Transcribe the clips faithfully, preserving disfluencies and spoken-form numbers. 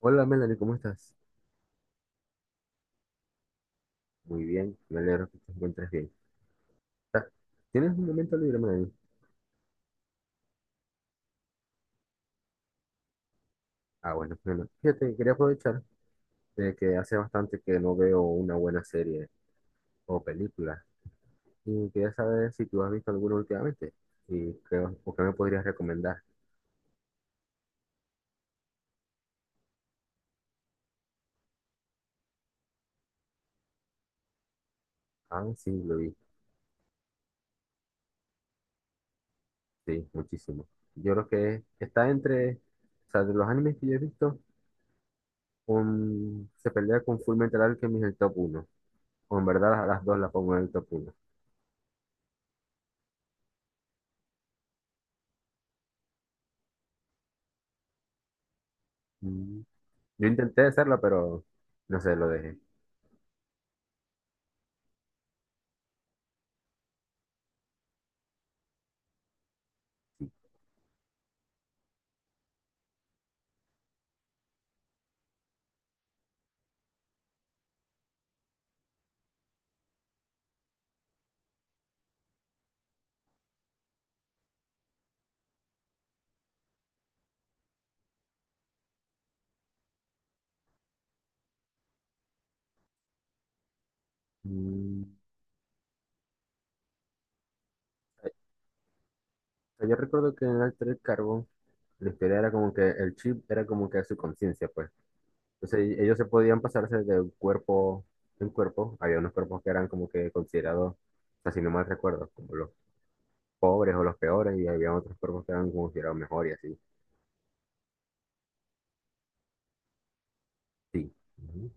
Hola Melanie, ¿cómo estás? Muy bien, me alegro que te encuentres bien. Ah, ¿tienes un momento libre, Melanie? Ah, bueno, bueno. Fíjate, quería aprovechar de que hace bastante que no veo una buena serie o película y quería saber si tú has visto alguna últimamente y qué, o qué me podrías recomendar. Ah, sí, lo vi, sí, muchísimo. Yo creo que está entre, o sea, de los animes que yo he visto, un- se pelea con Fullmetal Alchemist en el top uno. O en verdad las, las dos las pongo en el top uno. Mm. Yo intenté hacerlo, pero no sé, lo dejé. Mm, yo recuerdo que en el Altered Carbon la historia era como que el chip era como que su conciencia, pues. Entonces ellos se podían pasarse de un cuerpo en cuerpo. Había unos cuerpos que eran como que considerados, así no mal recuerdo, como los pobres o los peores, y había otros cuerpos que eran considerados mejor y así. Sí. Ujú.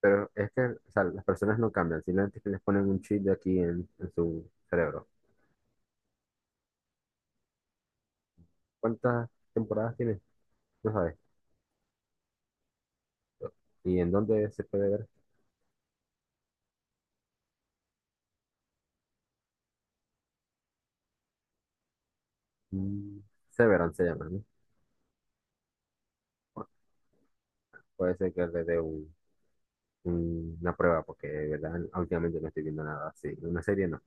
Pero es que, o sea, las personas no cambian, simplemente que les ponen un chip de aquí en, en su cerebro. ¿Cuántas temporadas tiene? No sabes. ¿Y en dónde se puede ver? Mm, Severance se llama, ¿no? Bueno, puede ser que le dé un- un- una prueba, porque de verdad últimamente no estoy viendo nada así. Una serie no.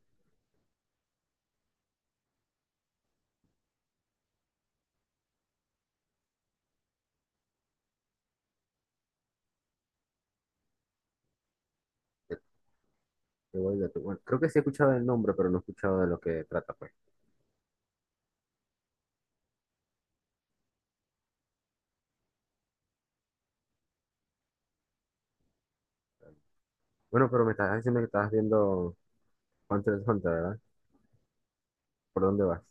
Te- te voy a- bueno, creo que sí he escuchado el nombre, pero no he escuchado de lo que trata, pues. Bueno, pero me estás diciendo que estabas viendo Hunter x Hunter, ¿verdad? ¿Por dónde vas?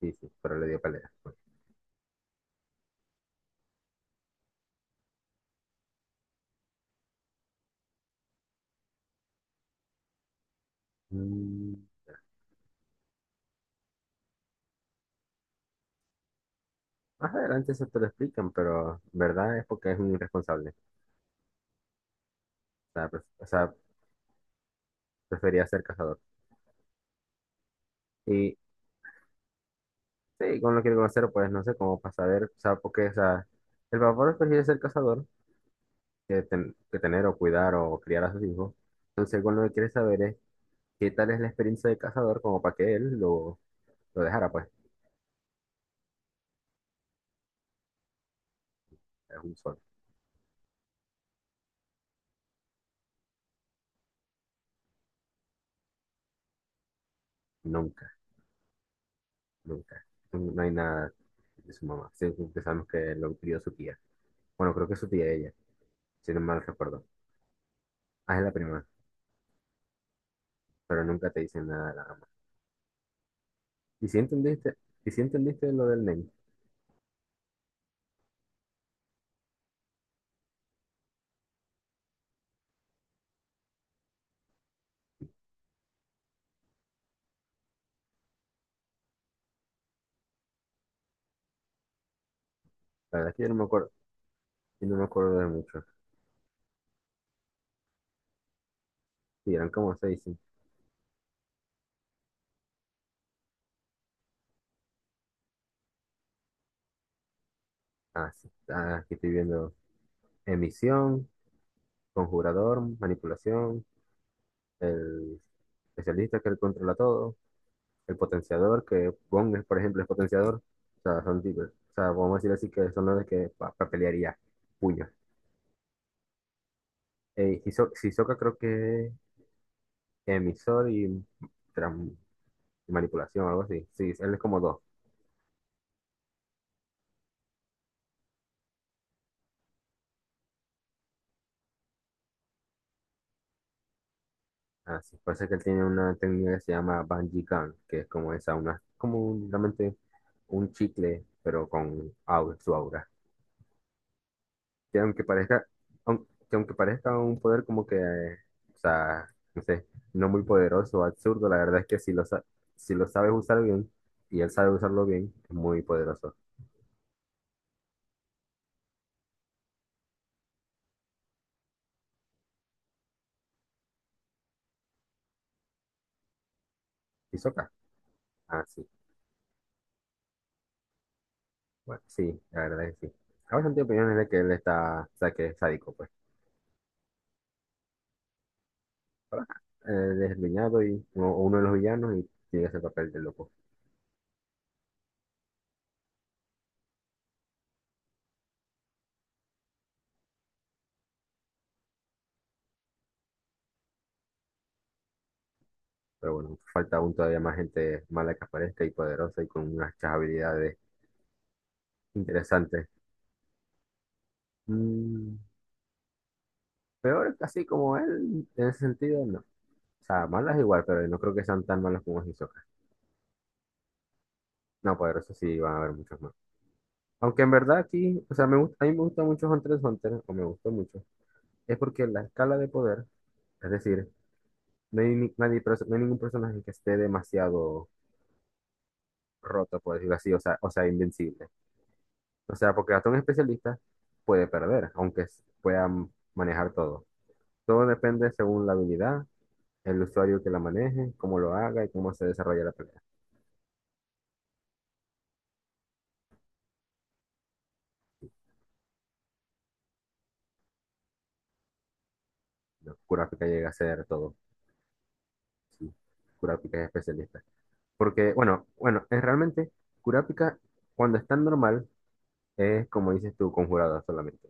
Sí, sí, pero le dio pelea, pues. Mm, Más adelante eso te lo explican, pero en verdad es porque es un irresponsable. O sea, pref- o sea, prefería ser cazador. Y sí, como lo quiere conocer, pues no sé cómo para saber, o sea, porque, o sea, el papá prefiere ser cazador que, ten- que tener o cuidar o criar a sus hijos. Entonces, con lo que quiere saber es qué tal es la experiencia de cazador como para que él lo, lo dejara, pues, es un sol. Nunca, nunca. No no hay nada de su mamá. Siempre pensamos que lo crió su tía. Bueno, creo que es su tía ella, si no mal recuerdo. Ah, es la prima, pero nunca te dicen nada de la mamá. ¿Y si entendiste, y si entendiste lo del nene? La verdad es que yo no me acuerdo, yo no me acuerdo de mucho. Sí, eran como seis. Ah, sí. Ah, aquí estoy viendo emisión, conjurador, manipulación, el especialista que él controla todo, el potenciador, que Bond, es, por ejemplo, es potenciador. O sea, son tipo- o sea, vamos a decir así que son los de que pa- pa- pelearía puños. Eh, Hiso- Hisoka creo que es emisor y tran- manipulación, algo así. Sí, él es como dos. Ah, sí. Parece que él tiene una técnica que se llama Bungee Gun, que es como esa, una, como un- realmente un chicle, pero con aura, su aura. Que aunque parezca, aun- que aunque parezca un poder como que, eh, o sea, no sé, no muy poderoso o absurdo, la verdad es que si lo, sa- si lo sabes usar bien y él sabe usarlo bien, es muy poderoso. ¿Y Sokka? Ah, sí. Bueno, sí, la verdad es que sí. Hay bastante opiniones de que él está, o sea, que es sádico, pues. Pero, ajá, él es el villano y, o o uno de los villanos y tiene ese papel de loco. Pero bueno, falta aún todavía más gente mala que aparezca y poderosa y con unas habilidades interesantes. Mm, Peor así como él, en ese sentido, no. O sea, malas igual, pero no creo que sean tan malas como Hisoka. No, poderosos sí van a haber muchos más. Aunque en verdad aquí, o sea, me gusta, a mí me gusta mucho Hunter x Hunter, o me gustó mucho, es porque la escala de poder, es decir, no hay, ni- nadie, perso- no hay ningún personaje que esté demasiado roto, por decirlo así, o sea, o sea, invencible. O sea, porque hasta un especialista puede perder, aunque s- pueda m- manejar todo. Todo depende según la habilidad, el usuario que la maneje, cómo lo haga y cómo se desarrolla la pelea. Yo, Kurapika llega a hacer todo. Sí, Kurapika es especialista. Porque, bueno, bueno, es realmente Kurapika cuando está normal es como dices tú, conjurada solamente.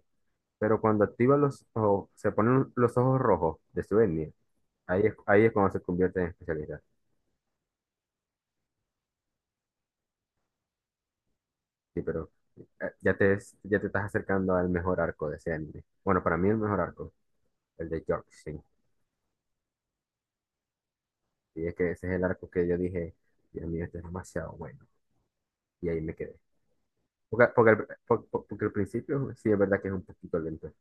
Pero cuando activa los ojos, se ponen los ojos rojos de su etnia, ahí es, ahí es cuando se convierte en especialista. Sí, pero eh, ya te, es- ya te estás acercando al mejor arco de ese anime. Bueno, para mí el mejor arco, el de Yorkshin. Y es que ese es el arco que yo dije, Dios mío, este es demasiado bueno. Y ahí me quedé. Porque, porque, al, por- por- porque al principio sí es verdad que es un poquito lento.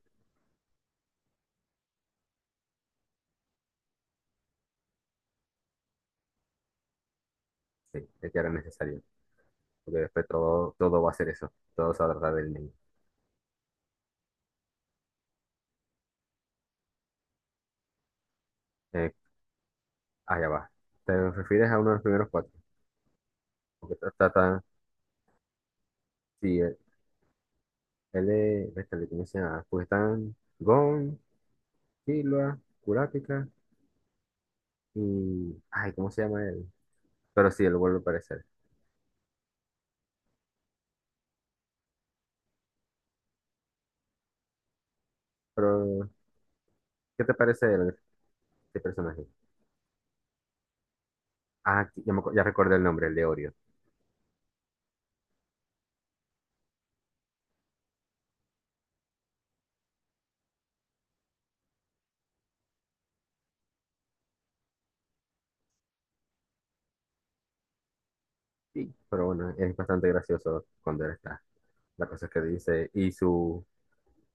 Sí, es que era necesario. Porque después todo, todo va a ser eso. Todo se va a tratar del niño. Eh, Allá va. ¿Te refieres a uno de los primeros cuatro? Porque tra- trata. Sí, él él es. Este, le conoce a Kujitán, Gon, Killua, Kurapika y. Ay, ¿cómo se llama él? Pero sí, él vuelve a aparecer. Pero, ¿qué te parece el, este personaje? Ah, ya, me acu- ya recordé el nombre, el de Orio. Sí, pero bueno, es bastante gracioso cuando él está. La cosa es que dice y su,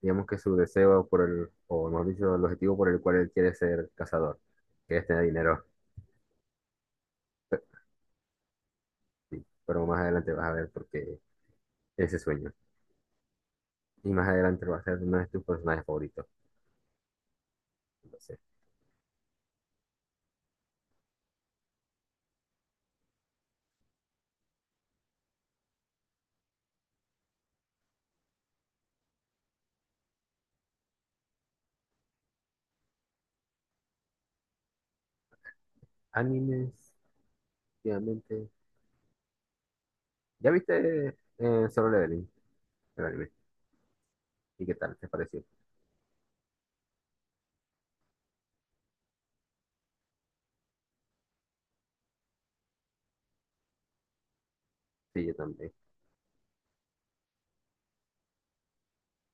digamos que su deseo por el, o mejor dicho, el objetivo por el cual él quiere ser cazador, que es tener dinero, sí. Pero más adelante vas a ver por qué ese sueño. Y más adelante va a ser uno de tus personajes favoritos. Entonces, animes, obviamente. ¿Ya viste eh, Solo Leveling, el anime? ¿Y qué tal? ¿Te pareció? Sí, yo también.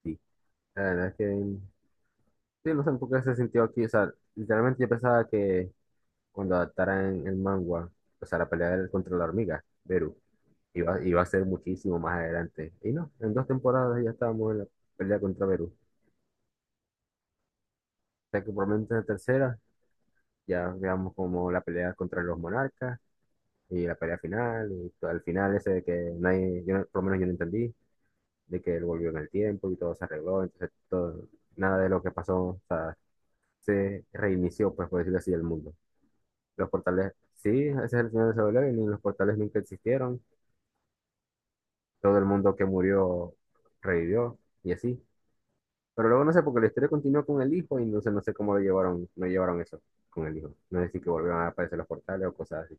Sí. La verdad es que sí, no sé por qué se sintió aquí. O sea, literalmente yo pensaba que cuando adaptaran el manga, o sea, la pelea del- contra la hormiga, Beru, Iba, iba a ser muchísimo más adelante. Y no, en dos temporadas ya estábamos en la pelea contra Perú. O sea que por lo menos en la tercera ya veamos como la pelea contra los monarcas y la pelea final y todo el final ese de que nadie, yo no- por lo menos yo no entendí, de que él volvió en el tiempo y todo se arregló, entonces todo, nada de lo que pasó, o sea, se reinició, pues por decirlo así, el mundo. Los portales, sí, ese es el final de Solo Leveling, los portales nunca existieron, todo el mundo que murió revivió y así. Pero luego no sé, porque la historia continúa con el hijo y entonces no sé cómo lo llevaron, no llevaron eso con el hijo. No sé si que volvieron a aparecer los portales o cosas así.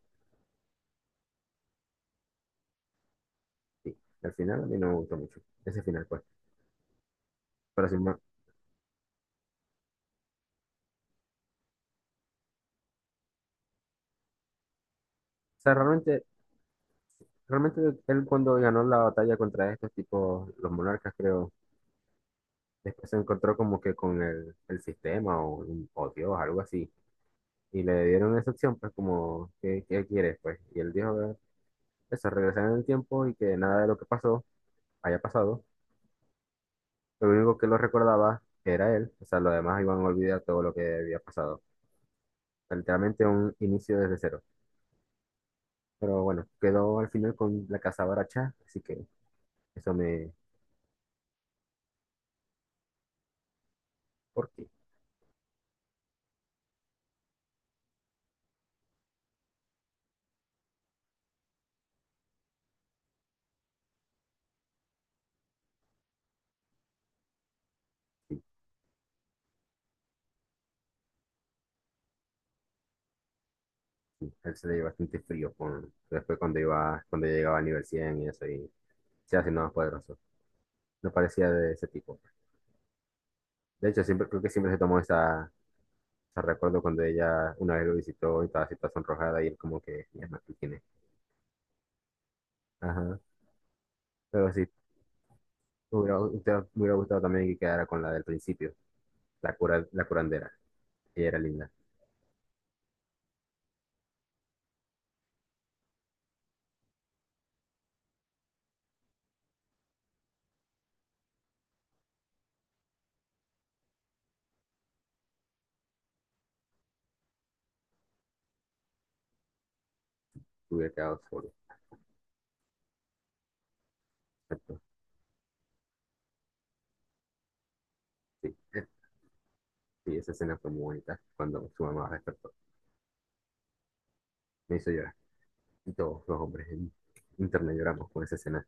Sí. Al final a mí no me gustó mucho ese final, pues. Pero sin más. O sea, realmente, realmente él cuando ganó la batalla contra estos tipos, los monarcas, creo, después se encontró como que con el, el sistema o, o Dios, algo así. Y le dieron esa opción, pues como, ¿qué, qué quieres, pues? Y él dijo eso, regresar en el tiempo y que nada de lo que pasó haya pasado. Lo único que lo recordaba era él, o sea, lo demás iban a olvidar todo lo que había pasado. Literalmente un inicio desde cero. Pero bueno, quedó al final con la casa baracha, así que eso me... ¿Por qué? Sí, sí, él se le dio bastante frío con... Después cuando iba, cuando llegaba a nivel cien y eso, y se haciendo más poderoso. No parecía de ese tipo. De hecho, siempre creo que siempre se tomó esa... Ese recuerdo cuando ella una vez lo visitó y estaba así toda sonrojada y él como que, ya no, ¿qué tiene? Ajá. Pero sí, Me hubiera, usted- me hubiera gustado también que quedara con la del principio, la cura, la curandera. Ella era linda, hubiera quedado solo. Exacto, sí. Eh, Sí, esa escena fue muy bonita cuando su mamá despertó. Me hizo llorar. Y todos los hombres en internet lloramos con esa escena.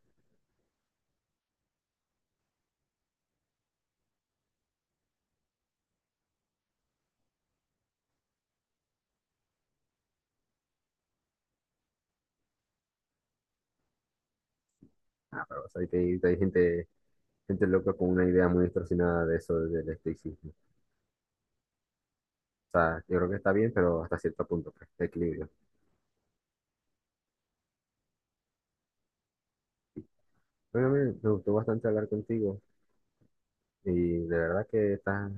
Ah, pero ¿sabes que hay, hay, gente, gente loca con una idea muy distorsionada de eso del estoicismo? O sea, yo creo que está bien, pero hasta cierto punto, pues, de equilibrio. Bueno, me, me gustó bastante hablar contigo y de verdad que estás.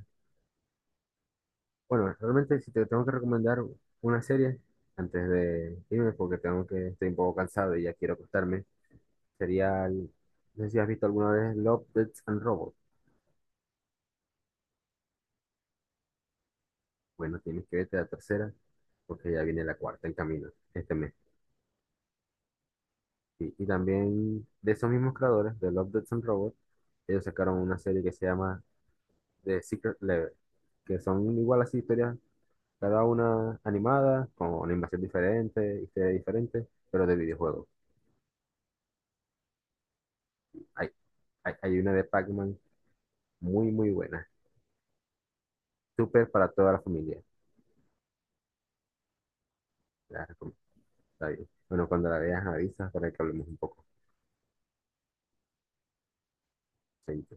Bueno, realmente si te tengo que recomendar una serie antes de irme porque tengo que estoy un poco cansado y ya quiero acostarme, sería, el- no sé si has visto alguna vez Love, Death and Robots. Bueno, tienes que verte la tercera porque ya viene la cuarta en camino este mes. Y, y también de esos mismos creadores de Love, Death and Robots, ellos sacaron una serie que se llama The Secret Level, que son igual así historias, cada una animada, con una invasión diferente, historia diferente, pero de videojuegos. Hay, Hay, hay una de Pac-Man muy, muy buena. Súper para toda la familia. La recomiendo. Está bien. Bueno, cuando la veas, avisas para que hablemos un poco. Chaito.